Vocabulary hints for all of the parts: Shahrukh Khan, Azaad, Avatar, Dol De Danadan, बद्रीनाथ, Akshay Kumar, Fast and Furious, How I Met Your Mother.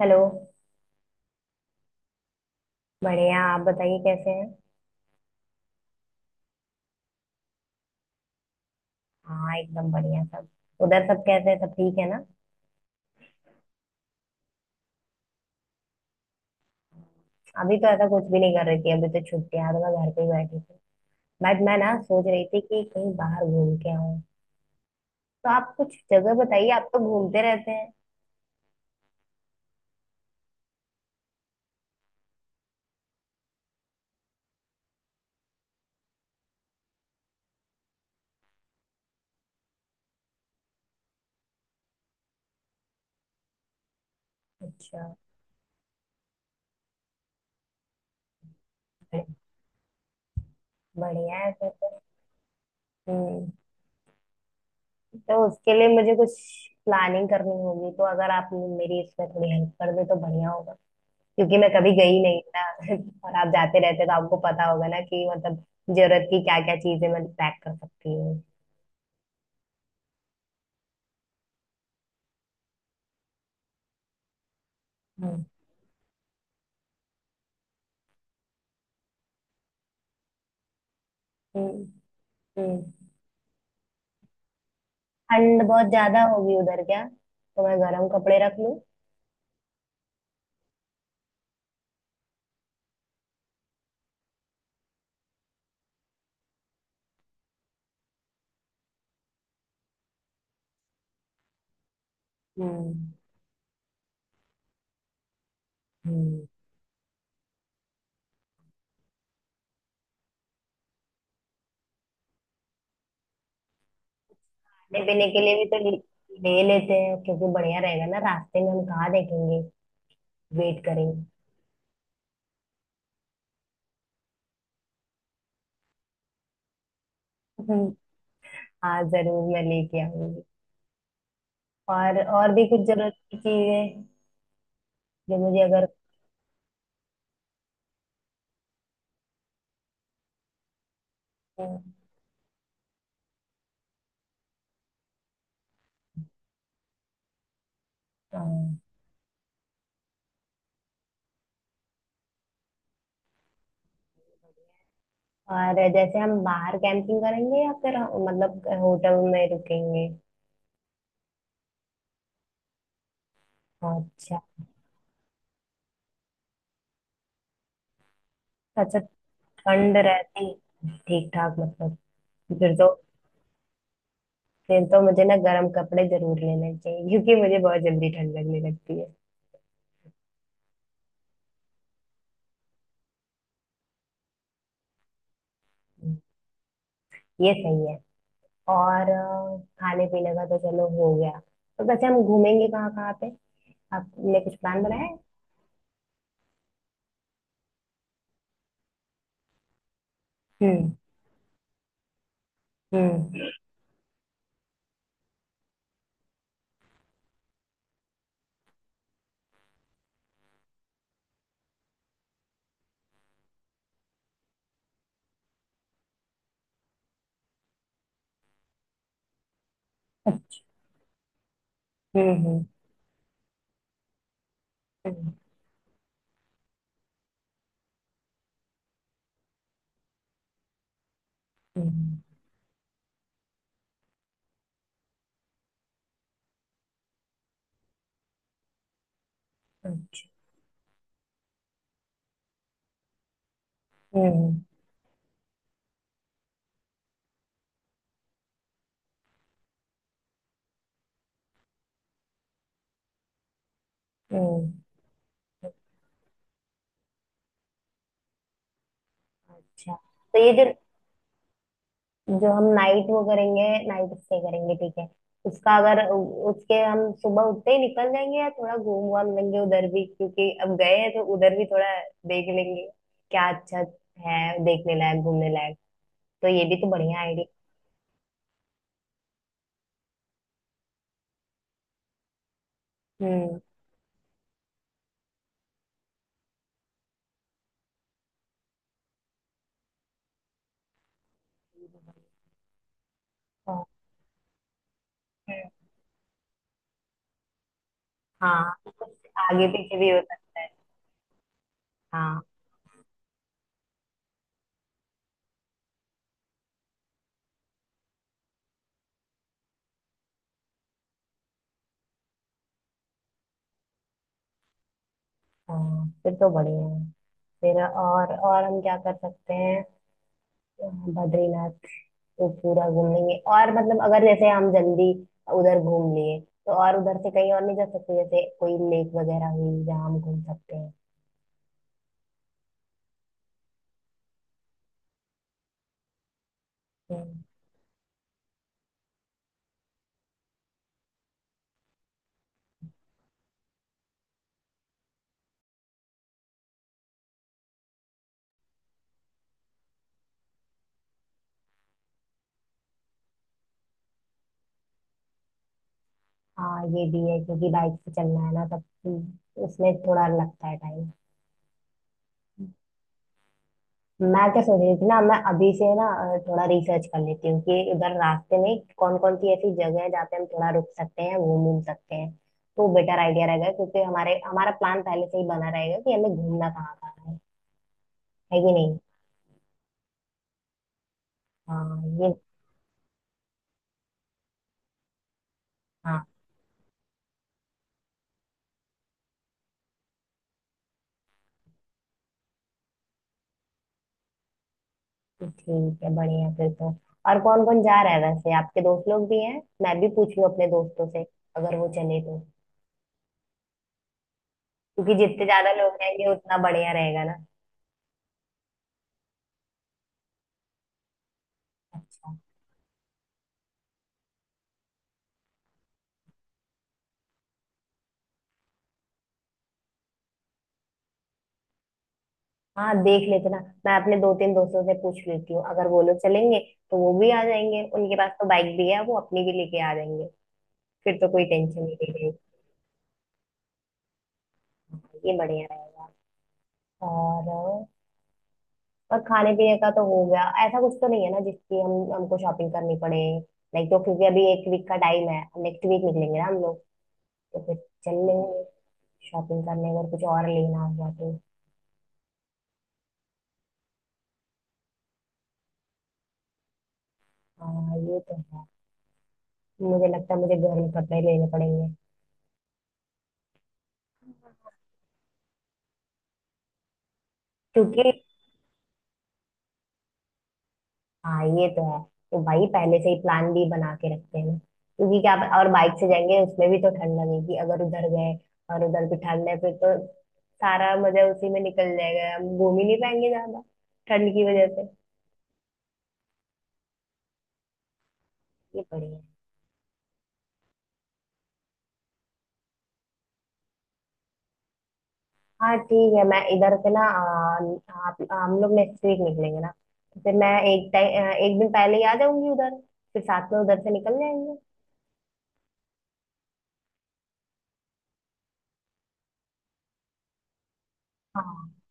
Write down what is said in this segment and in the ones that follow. Hello. बढ़िया। आप बताइए कैसे हैं। हाँ, एकदम बढ़िया सब। उधर सब कैसे हैं? सब ठीक है ना। अभी तो ऐसा कुछ भी नहीं कर रही थी। अभी तो छुट्टियां हैं, तो मैं घर पे ही बैठी थी। बट मैं ना सोच रही थी कि कहीं बाहर घूम के आऊँ। तो आप कुछ जगह बताइए, आप तो घूमते रहते हैं। अच्छा। बड़े- बढ़िया है फिर तो। हम्म। तो उसके लिए मुझे कुछ प्लानिंग करनी होगी, तो अगर आप मेरी इसमें थोड़ी हेल्प कर दे तो बढ़िया होगा। क्योंकि मैं कभी गई नहीं ना। और आप जाते रहते तो आपको पता होगा ना कि मतलब जरूरत की क्या क्या चीजें मैं पैक कर सकती हूँ। हम्म। हम्म, हम्म। ठंड बहुत ज्यादा होगी उधर क्या? तो मैं गर्म कपड़े रख लूँ। हम्म। हम्म। खाने पीने के लिए भी तो ले ले लेते हैं, क्योंकि बढ़िया रहेगा ना। रास्ते में हम कहाँ देखेंगे, वेट करेंगे। हम्म, हाँ जरूर मैं लेके आऊंगी। और भी कुछ जरूरत की चीजें जो मुझे अगर। हाँ। और जैसे हम बाहर कैंपिंग करेंगे, या फिर मतलब होटल में रुकेंगे? अच्छा। अच्छा। ठंड रहती ठीक ठाक मतलब, फिर तो। फिर तो मुझे ना गर्म कपड़े जरूर लेने चाहिए, क्योंकि मुझे बहुत जल्दी ठंड लगने लगती है। हम्म, ये सही है। और खाने पीने का तो चलो हो गया। तो वैसे हम घूमेंगे कहाँ कहाँ पे? आपने कुछ प्लान बनाया है? हम्म। हम्म। हम्म। हम्म। हम्म। हम्म, अच्छा। हम्म। हम्म। अच्छा, तो ये जो। जो हम नाइट वो करेंगे, नाइट स्टे करेंगे, ठीक है। उसका अगर उसके हम सुबह उठते ही निकल जाएंगे, या थोड़ा घूम वाम लेंगे उधर भी, क्योंकि अब गए हैं तो उधर भी थोड़ा देख लेंगे। क्या अच्छा है देखने लायक घूमने लायक, तो ये भी तो बढ़िया आइडिया। हम्म। हाँ। हाँ, कुछ आगे पीछे भी हो सकता है। हाँ। हाँ, फिर तो बढ़िया है। फिर और हम क्या कर सकते हैं? बद्रीनाथ तो पूरा घूम लेंगे, और मतलब अगर जैसे हम जल्दी उधर घूम लिए, तो और उधर से कहीं और नहीं जा सकते? जैसे कोई लेक वगैरह हुई जहाँ हम घूम सकते हैं? हम्म, हाँ ये भी है, क्योंकि बाइक से चलना है ना। तब उसमें थोड़ा लगता है टाइम। मैं क्या सोच रही थी ना, मैं अभी से ना थोड़ा रिसर्च कर लेती हूँ कि उधर रास्ते में कौन कौन सी ऐसी जगह है जहाँ पे हम थोड़ा रुक सकते हैं, घूम घूम सकते हैं। तो बेटर आइडिया रहेगा, क्योंकि हमारे हमारा प्लान पहले से ही बना रहेगा कि हमें घूमना कहाँ कहाँ है कि नहीं। हाँ ये। हाँ, तो ठीक है, बढ़िया फिर तो। और कौन कौन जा रहा है वैसे? आपके दोस्त लोग भी हैं? मैं भी पूछ लूँ अपने दोस्तों से, अगर वो चले तो। क्योंकि जितने ज्यादा लोग रहेंगे उतना बढ़िया रहेगा ना। अच्छा। हाँ, देख लेते ना। मैं अपने दो तीन दोस्तों से पूछ लेती हूँ, अगर वो लोग चलेंगे तो वो भी आ जाएंगे। उनके पास तो बाइक भी है, वो अपनी भी लेके आ जाएंगे। फिर तो कोई टेंशन नहीं रहेगी। ये बढ़िया रहेगा। और खाने पीने का तो हो गया। ऐसा कुछ तो नहीं है ना जिसकी हम हमको शॉपिंग करनी पड़े। लाइक तो क्योंकि अभी एक वीक का टाइम है, नेक्स्ट वीक निकलेंगे ना हम लोग, तो फिर चल लेंगे शॉपिंग करने अगर कुछ और लेना हुआ तो। हाँ ये तो है, मुझे लगता है मुझे गर्म कपड़े लेने पड़ेंगे, क्योंकि। हाँ ये तो है। तो भाई पहले से ही प्लान भी बना के रखते हैं, क्योंकि क्या, और बाइक से जाएंगे उसमें भी तो ठंड लगेगी अगर उधर गए, और उधर भी ठंड है, फिर तो सारा मजा उसी में निकल जाएगा, हम घूम ही नहीं पाएंगे ज्यादा ठंड की वजह से। ये बढ़िया है। हाँ ठीक है, मैं इधर से ना आप हम लोग नेक्स्ट वीक निकलेंगे ना, तो फिर मैं एक दिन पहले ही आ जाऊंगी उधर, फिर साथ में उधर से निकल जाएंगे। हाँ।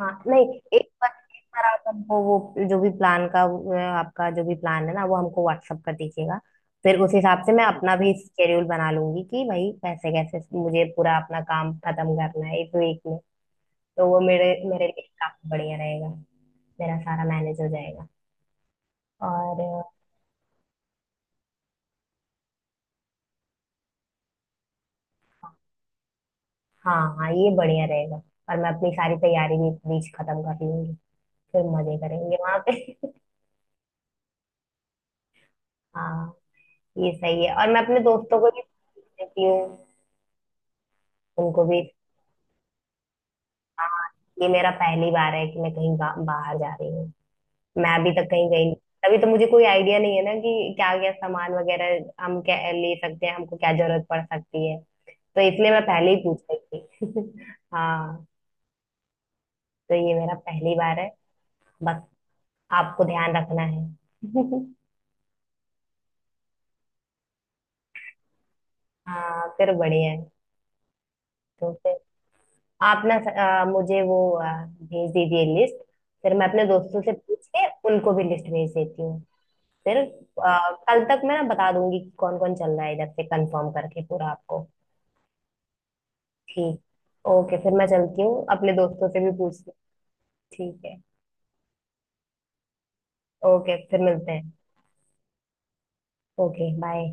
हाँ, नहीं, एक बार, एक बार आप हमको वो जो भी प्लान का आपका जो भी प्लान है ना, वो हमको व्हाट्सअप कर दीजिएगा। फिर उस हिसाब से मैं अपना भी शेड्यूल बना लूंगी कि भाई कैसे कैसे मुझे पूरा अपना काम खत्म करना है इस वीक में। तो वो मेरे मेरे लिए काफी बढ़िया रहेगा। मेरा सारा मैनेज हो जाएगा। और हाँ। हाँ, ये बढ़िया रहेगा। और मैं अपनी सारी तैयारी भी इस बीच खत्म कर लूंगी। फिर मजे करेंगे वहां पे। हाँ, ये सही है। और मैं अपने दोस्तों को भी देती हूँ, उनको भी। ये मेरा पहली बार है कि मैं कहीं बाहर जा रही हूँ। मैं अभी तक कहीं गई नहीं। अभी तो मुझे कोई आइडिया नहीं है ना कि क्या क्या सामान वगैरह हम क्या ले सकते हैं, हमको क्या जरूरत पड़ सकती है, तो इसलिए मैं पहले ही पूछ रही थी। हाँ, तो ये मेरा पहली बार है। बस आपको ध्यान रखना है। हाँ, फिर बढ़िया है। तो फिर आप ना मुझे वो भेज दीजिए लिस्ट। फिर मैं अपने दोस्तों से पूछ के उनको भी लिस्ट भेज देती हूँ। फिर कल तक मैं ना बता दूंगी कौन कौन चल रहा है इधर से, कंफर्म करके पूरा आपको। ठीक। ओके, फिर मैं चलती हूँ, अपने दोस्तों से भी पूछती हूँ। ठीक है। ओके, फिर मिलते हैं। Okay, bye.